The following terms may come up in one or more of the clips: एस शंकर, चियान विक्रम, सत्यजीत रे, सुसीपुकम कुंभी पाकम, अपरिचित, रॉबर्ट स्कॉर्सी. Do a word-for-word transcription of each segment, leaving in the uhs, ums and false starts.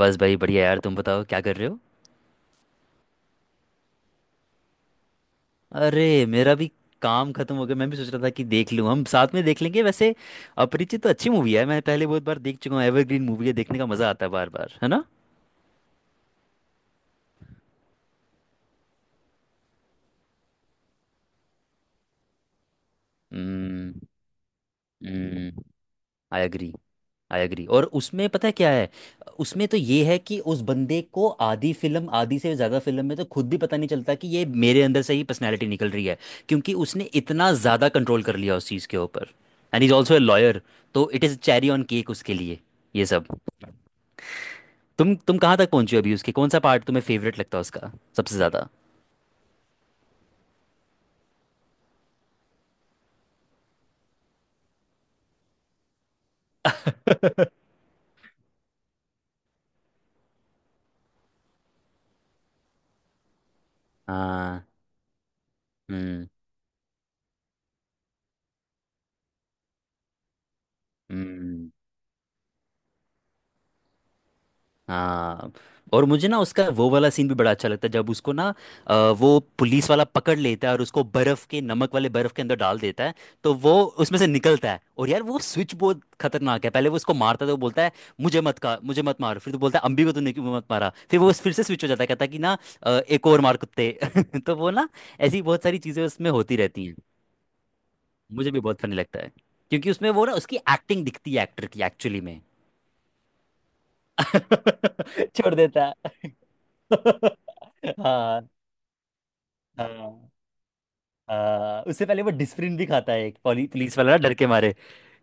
बस भाई बढ़िया यार। तुम बताओ क्या कर रहे हो। अरे मेरा भी काम खत्म हो गया। मैं भी सोच रहा था कि देख लूं। हम साथ में देख लेंगे वैसे। अपरिचित तो अच्छी मूवी है। मैं पहले बहुत बार देख चुका हूँ। एवरग्रीन मूवी है, देखने का मजा आता है बार बार, है ना। हम्म। I agree. आई एग्री, और उसमें पता है क्या है? उसमें तो ये है कि उस बंदे को आधी फिल्म, आधी से ज़्यादा फिल्म में तो खुद भी पता नहीं चलता कि ये मेरे अंदर से ही पर्सनैलिटी निकल रही है। क्योंकि उसने इतना ज़्यादा कंट्रोल कर लिया उस चीज़ के ऊपर। And is also a lawyer. तो it is cherry on cake उसके लिए ये सब। तुम तुम कहाँ तक पहुँचे हो अभी उसके? कौन सा पार्ट तुम्हें फेवरेट लगता है उसका सबसे ज़्यादा? हाँ। हम्म। हम्म। हाँ। और मुझे ना उसका वो वाला सीन भी बड़ा अच्छा लगता है, जब उसको ना अ, वो पुलिस वाला पकड़ लेता है और उसको बर्फ के, नमक वाले बर्फ के अंदर डाल देता है। तो वो उसमें से निकलता है, और यार वो स्विच बहुत खतरनाक है। पहले वो उसको मारता है तो वो बोलता है मुझे मत का, मुझे मत मारो। फिर तो बोलता है अम्बी को तूने क्यों मत मारा। फिर वो फिर से स्विच हो जाता है, कहता है कि ना अ, एक और मार कुत्ते। तो वो ना, ऐसी बहुत सारी चीजें उसमें होती रहती हैं। मुझे भी बहुत फनी लगता है, क्योंकि उसमें वो ना उसकी एक्टिंग दिखती है एक्टर की, एक्चुअली में। छोड़ देता है। हाँ हाँ। हाँ, उससे पहले वो डिस्प्रिन भी खाता है एक पुलिस वाला ना, डर के मारे।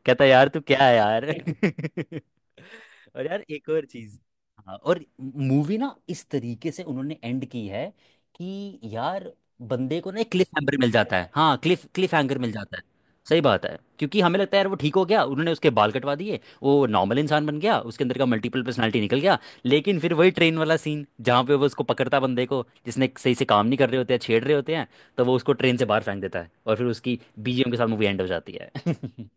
कहता यार तू क्या है यार। और यार एक और चीज। हाँ, और मूवी ना इस तरीके से उन्होंने एंड की है कि यार, बंदे को ना एक क्लिफ हैंगर मिल जाता है। हाँ, क्लिफ क्लिफ हैंगर मिल जाता है। सही बात है, क्योंकि हमें लगता है यार वो ठीक हो गया, उन्होंने उसके बाल कटवा दिए, वो नॉर्मल इंसान बन गया, उसके अंदर का मल्टीपल पर्सनालिटी निकल गया। लेकिन फिर वही ट्रेन वाला सीन, जहाँ पे वो उसको पकड़ता है, बंदे को जिसने सही से काम नहीं कर रहे होते हैं, छेड़ रहे होते हैं। तो वो उसको ट्रेन से बाहर फेंक देता है और फिर उसकी बी जी एम के साथ मूवी एंड हो जाती है।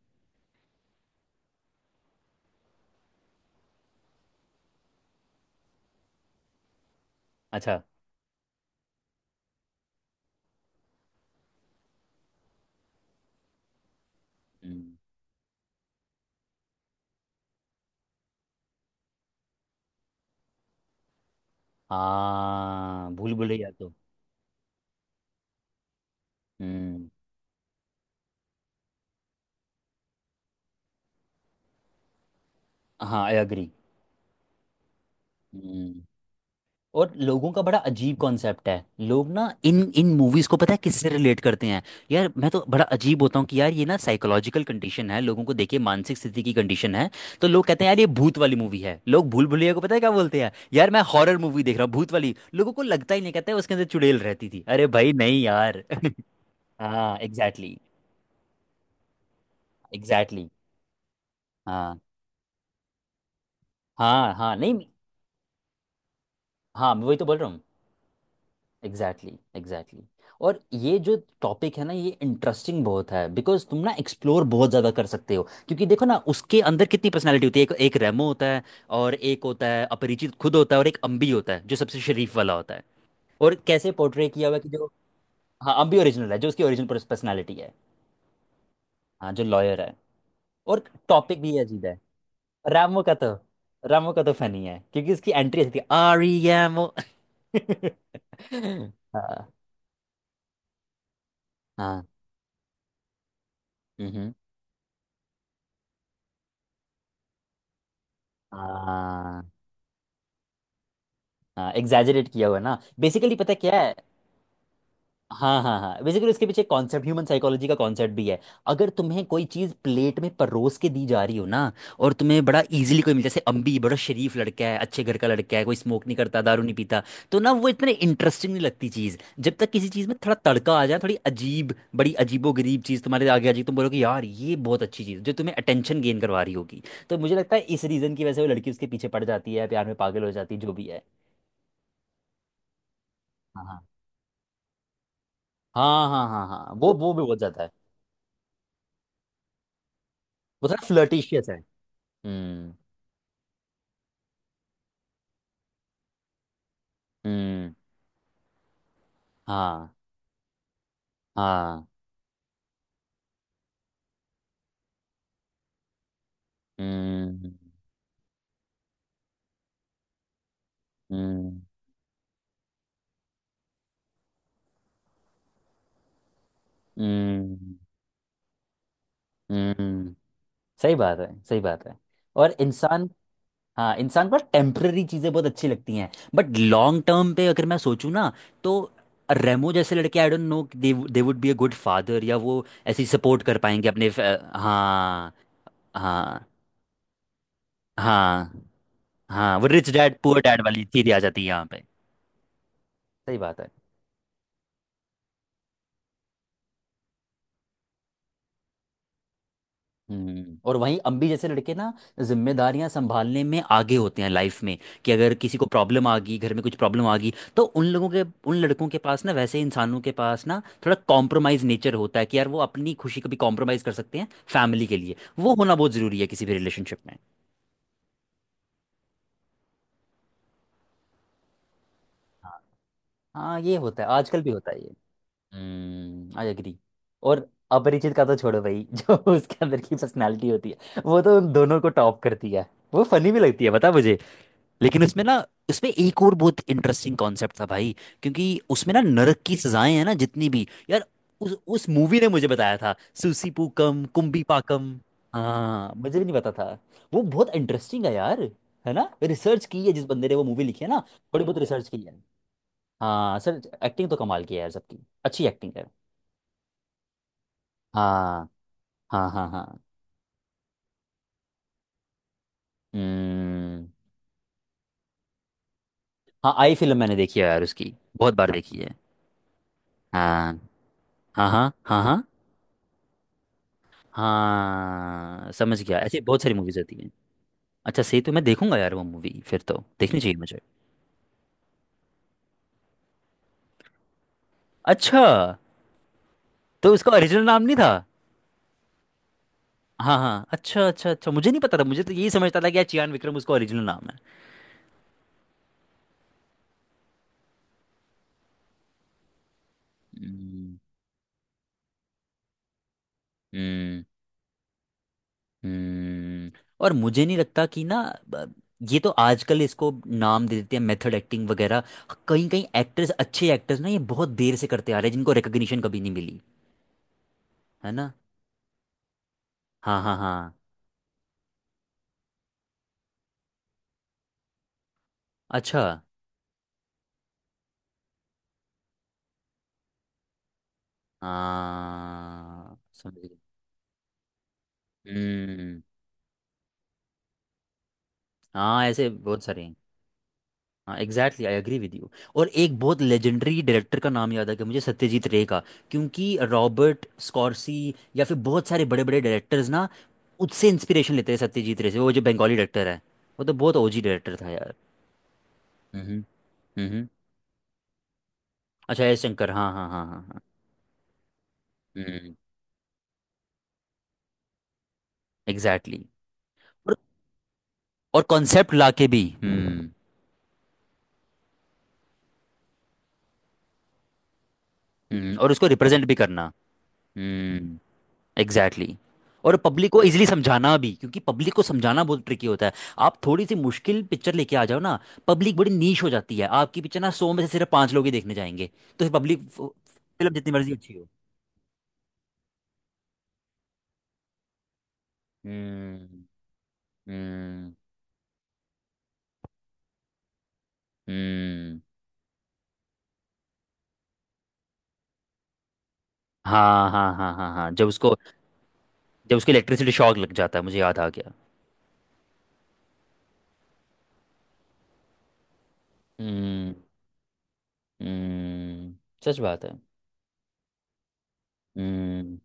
अच्छा। हम्म। हाँ, भूल भुलैया तो। हम्म। हाँ, आई अग्री। हम्म। और लोगों का बड़ा अजीब कॉन्सेप्ट है। लोग ना इन इन मूवीज को पता है किससे रिलेट करते हैं? यार मैं तो बड़ा अजीब होता हूँ कि यार ये ना साइकोलॉजिकल कंडीशन है, लोगों को देखिए, मानसिक स्थिति की कंडीशन है। तो लोग कहते हैं यार ये भूत वाली मूवी है। लोग भूल भुलैया को पता है क्या बोलते हैं? यार मैं हॉरर मूवी देख रहा हूँ, भूत वाली। लोगों को लगता ही नहीं, कहते हैं उसके अंदर चुड़ैल रहती थी। अरे भाई नहीं यार। हाँ एग्जैक्टली, एग्जैक्टली। हाँ हाँ हाँ, नहीं। हाँ मैं वही तो बोल रहा हूँ। Exactly exactly. और ये जो टॉपिक है ना, ये इंटरेस्टिंग बहुत है बिकॉज तुम ना एक्सप्लोर बहुत ज़्यादा कर सकते हो। क्योंकि देखो ना उसके अंदर कितनी पर्सनैलिटी होती है। एक एक रेमो होता है, और एक होता है अपरिचित खुद होता है, और एक अम्बी होता है जो सबसे शरीफ वाला होता है। और कैसे पोर्ट्रे किया हुआ है कि जो। हाँ अम्बी ओरिजिनल है, जो उसकी ओरिजिनल पर्सनैलिटी है। हाँ, जो लॉयर है। और टॉपिक भी अजीब है। रामो का तो रामो का तो फनी है, क्योंकि उसकी एंट्री ऐसी थी, आर ई एम ओ। हाँ हाँ। हम्म, हम्म। हाँ हाँ एग्जैजरेट किया हुआ है ना, बेसिकली पता है क्या है? हाँ हाँ हाँ, बेसिकली उसके पीछे कॉन्सेप्ट, ह्यूमन साइकोलॉजी का कॉन्सेप्ट भी है। अगर तुम्हें कोई चीज़ प्लेट में परोस के दी जा रही हो ना, और तुम्हें बड़ा इजीली कोई मिल, जैसे अम्बी बड़ा शरीफ लड़का है, अच्छे घर का लड़का है, कोई स्मोक नहीं करता, दारू नहीं पीता। तो ना वो इतने इंटरेस्टिंग नहीं लगती चीज़, जब तक किसी चीज़ में थोड़ा तड़का आ जाए, थोड़ी अजीब, बड़ी अजीबो गरीब चीज़ तुम्हारे आगे आ जाएगी, तुम बोलोगे यार ये बहुत अच्छी चीज़ है", जो तुम्हें अटेंशन गेन करवा रही होगी। तो मुझे लगता है इस रीज़न की वजह से वो लड़की उसके पीछे पड़ जाती है, प्यार में पागल हो जाती है, जो भी है। हाँ हाँ हाँ हाँ हाँ। हाँ, वो वो भी बहुत ज्यादा है। वो थोड़ा फ्लर्टिशियस है। हम्म। हम्म। हाँ हाँ। हम्म। हम्म। हम्म। हम्म। सही बात है, सही बात है। और इंसान, हाँ, इंसान पर टेम्पररी चीज़ें बहुत अच्छी लगती हैं। बट लॉन्ग टर्म पे अगर मैं सोचूं ना, तो रेमो जैसे लड़के, I don't know, they they would be a good father, या वो ऐसी सपोर्ट कर पाएंगे अपने फ-। हाँ हाँ हाँ हाँ। वो रिच डैड पुअर डैड वाली थीरी आ जाती है यहाँ पे। सही बात है। हम्म। और वहीं अम्बी जैसे लड़के ना जिम्मेदारियां संभालने में आगे होते हैं लाइफ में। कि अगर किसी को प्रॉब्लम आ गई, घर में कुछ प्रॉब्लम आ गई, तो उन लोगों के, उन लड़कों के पास ना, वैसे इंसानों के पास ना, थोड़ा कॉम्प्रोमाइज नेचर होता है, कि यार वो अपनी खुशी को भी कॉम्प्रोमाइज कर सकते हैं। फैमिली के लिए वो होना बहुत जरूरी है, किसी भी रिलेशनशिप में। हाँ। हाँ ये होता है, आजकल भी होता है ये। हम्म, आई एग्री। और अपरिचित का तो छोड़ो भाई, जो उसके अंदर की पर्सनालिटी होती है वो तो उन दोनों को टॉप करती है। वो फनी भी लगती है, बता मुझे। लेकिन उसमें ना, उसमें एक और बहुत इंटरेस्टिंग कॉन्सेप्ट था भाई। क्योंकि उसमें ना नरक की सजाएं हैं ना जितनी भी यार, उस उस मूवी ने मुझे बताया था, सुसीपुकम कुंभी पाकम। हाँ मुझे भी नहीं पता था। वो बहुत इंटरेस्टिंग है यार, है ना, रिसर्च की है जिस बंदे ने वो मूवी लिखी है ना। थोड़ी बहुत रिसर्च की है। हाँ सर, एक्टिंग तो कमाल की है यार सबकी। अच्छी एक्टिंग है। हाँ हाँ हाँ हाँ। हम्म। हाँ, आई फिल्म मैंने देखी है यार, उसकी बहुत बार देखी है। हाँ हाँ हाँ हाँ हाँ हाँ। समझ गया, ऐसी बहुत सारी मूवीज होती हैं। अच्छा सही, तो मैं देखूंगा यार, वो मूवी फिर तो देखनी चाहिए मुझे। अच्छा, तो उसका ओरिजिनल नाम नहीं था? हाँ हाँ, अच्छा अच्छा अच्छा, मुझे नहीं पता था, मुझे तो यही समझता था कि यार चियान विक्रम उसका ओरिजिनल नाम है। हम्म। हम्म। हम्म। और मुझे नहीं लगता कि ना ब- ये तो आजकल इसको नाम दे देते हैं, मेथड एक्टिंग वगैरह। कहीं कहीं एक्टर्स, अच्छे एक्टर्स ना, ये बहुत देर से करते आ रहे हैं जिनको रिकग्निशन कभी नहीं मिली। है ना। हाँ हाँ हाँ। अच्छा। हाँ समझ गया। हम्म। हाँ ऐसे बहुत सारे हैं। हाँ exactly, I agree with you. और एक बहुत लेजेंडरी डायरेक्टर का नाम याद आ गया मुझे, सत्यजीत रे का। क्योंकि रॉबर्ट स्कॉर्सी, या फिर बहुत सारे बड़े बड़े डायरेक्टर्स ना, उससे इंस्पिरेशन लेते हैं, सत्यजीत रे से, वो जो बंगाली डायरेक्टर है। वो तो बहुत ओजी डायरेक्टर था यार। हम्म। हम्म। अच्छा, एस शंकर, हाँ हाँ हाँ हाँ हाँ। हम्म। एग्जैक्टली। और और कॉन्सेप्ट लाके भी। हम्म। हम्म। और उसको रिप्रेजेंट भी करना। हम्म। Exactly exactly। और पब्लिक को इजीली समझाना भी, क्योंकि पब्लिक को समझाना बहुत ट्रिकी होता है। आप थोड़ी सी मुश्किल पिक्चर लेके आ जाओ ना, पब्लिक बड़ी नीश हो जाती है, आपकी पिक्चर ना सौ में से सिर्फ पांच लोग ही देखने जाएंगे। तो फिर पब्लिक, फिल्म जितनी मर्जी अच्छी हो। हम्म। हम्म। हम्म। हाँ हाँ हाँ हाँ हाँ, जब उसको, जब उसको इलेक्ट्रिसिटी शॉक लग जाता है, मुझे याद आ गया। हम्म। हम्म। सच बात है। हम्म।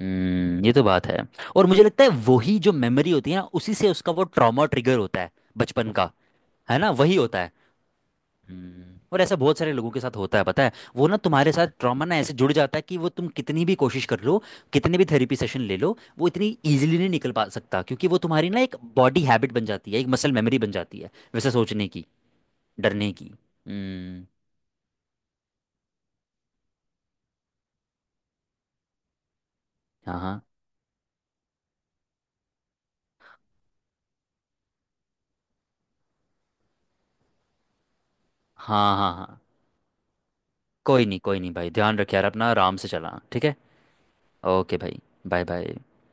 हम्म। ये तो बात है। और मुझे लगता है वही जो मेमोरी होती है ना, उसी से उसका वो ट्रॉमा ट्रिगर होता है, बचपन का। है ना, वही होता है। हम्म। और ऐसा बहुत सारे लोगों के साथ होता है, पता है वो ना तुम्हारे साथ ट्रॉमा ना ऐसे जुड़ जाता है कि वो, तुम कितनी भी कोशिश कर लो, कितने भी थेरेपी सेशन ले लो, वो इतनी इजीली नहीं निकल पा सकता, क्योंकि वो तुम्हारी ना एक बॉडी हैबिट बन जाती है, एक मसल मेमोरी बन जाती है, वैसे सोचने की, डरने की। हम्म। हाँ हाँ हाँ हाँ हाँ। कोई नहीं कोई नहीं भाई, ध्यान रख यार अपना, आराम से चला, ठीक है। ओके भाई, बाय बाय।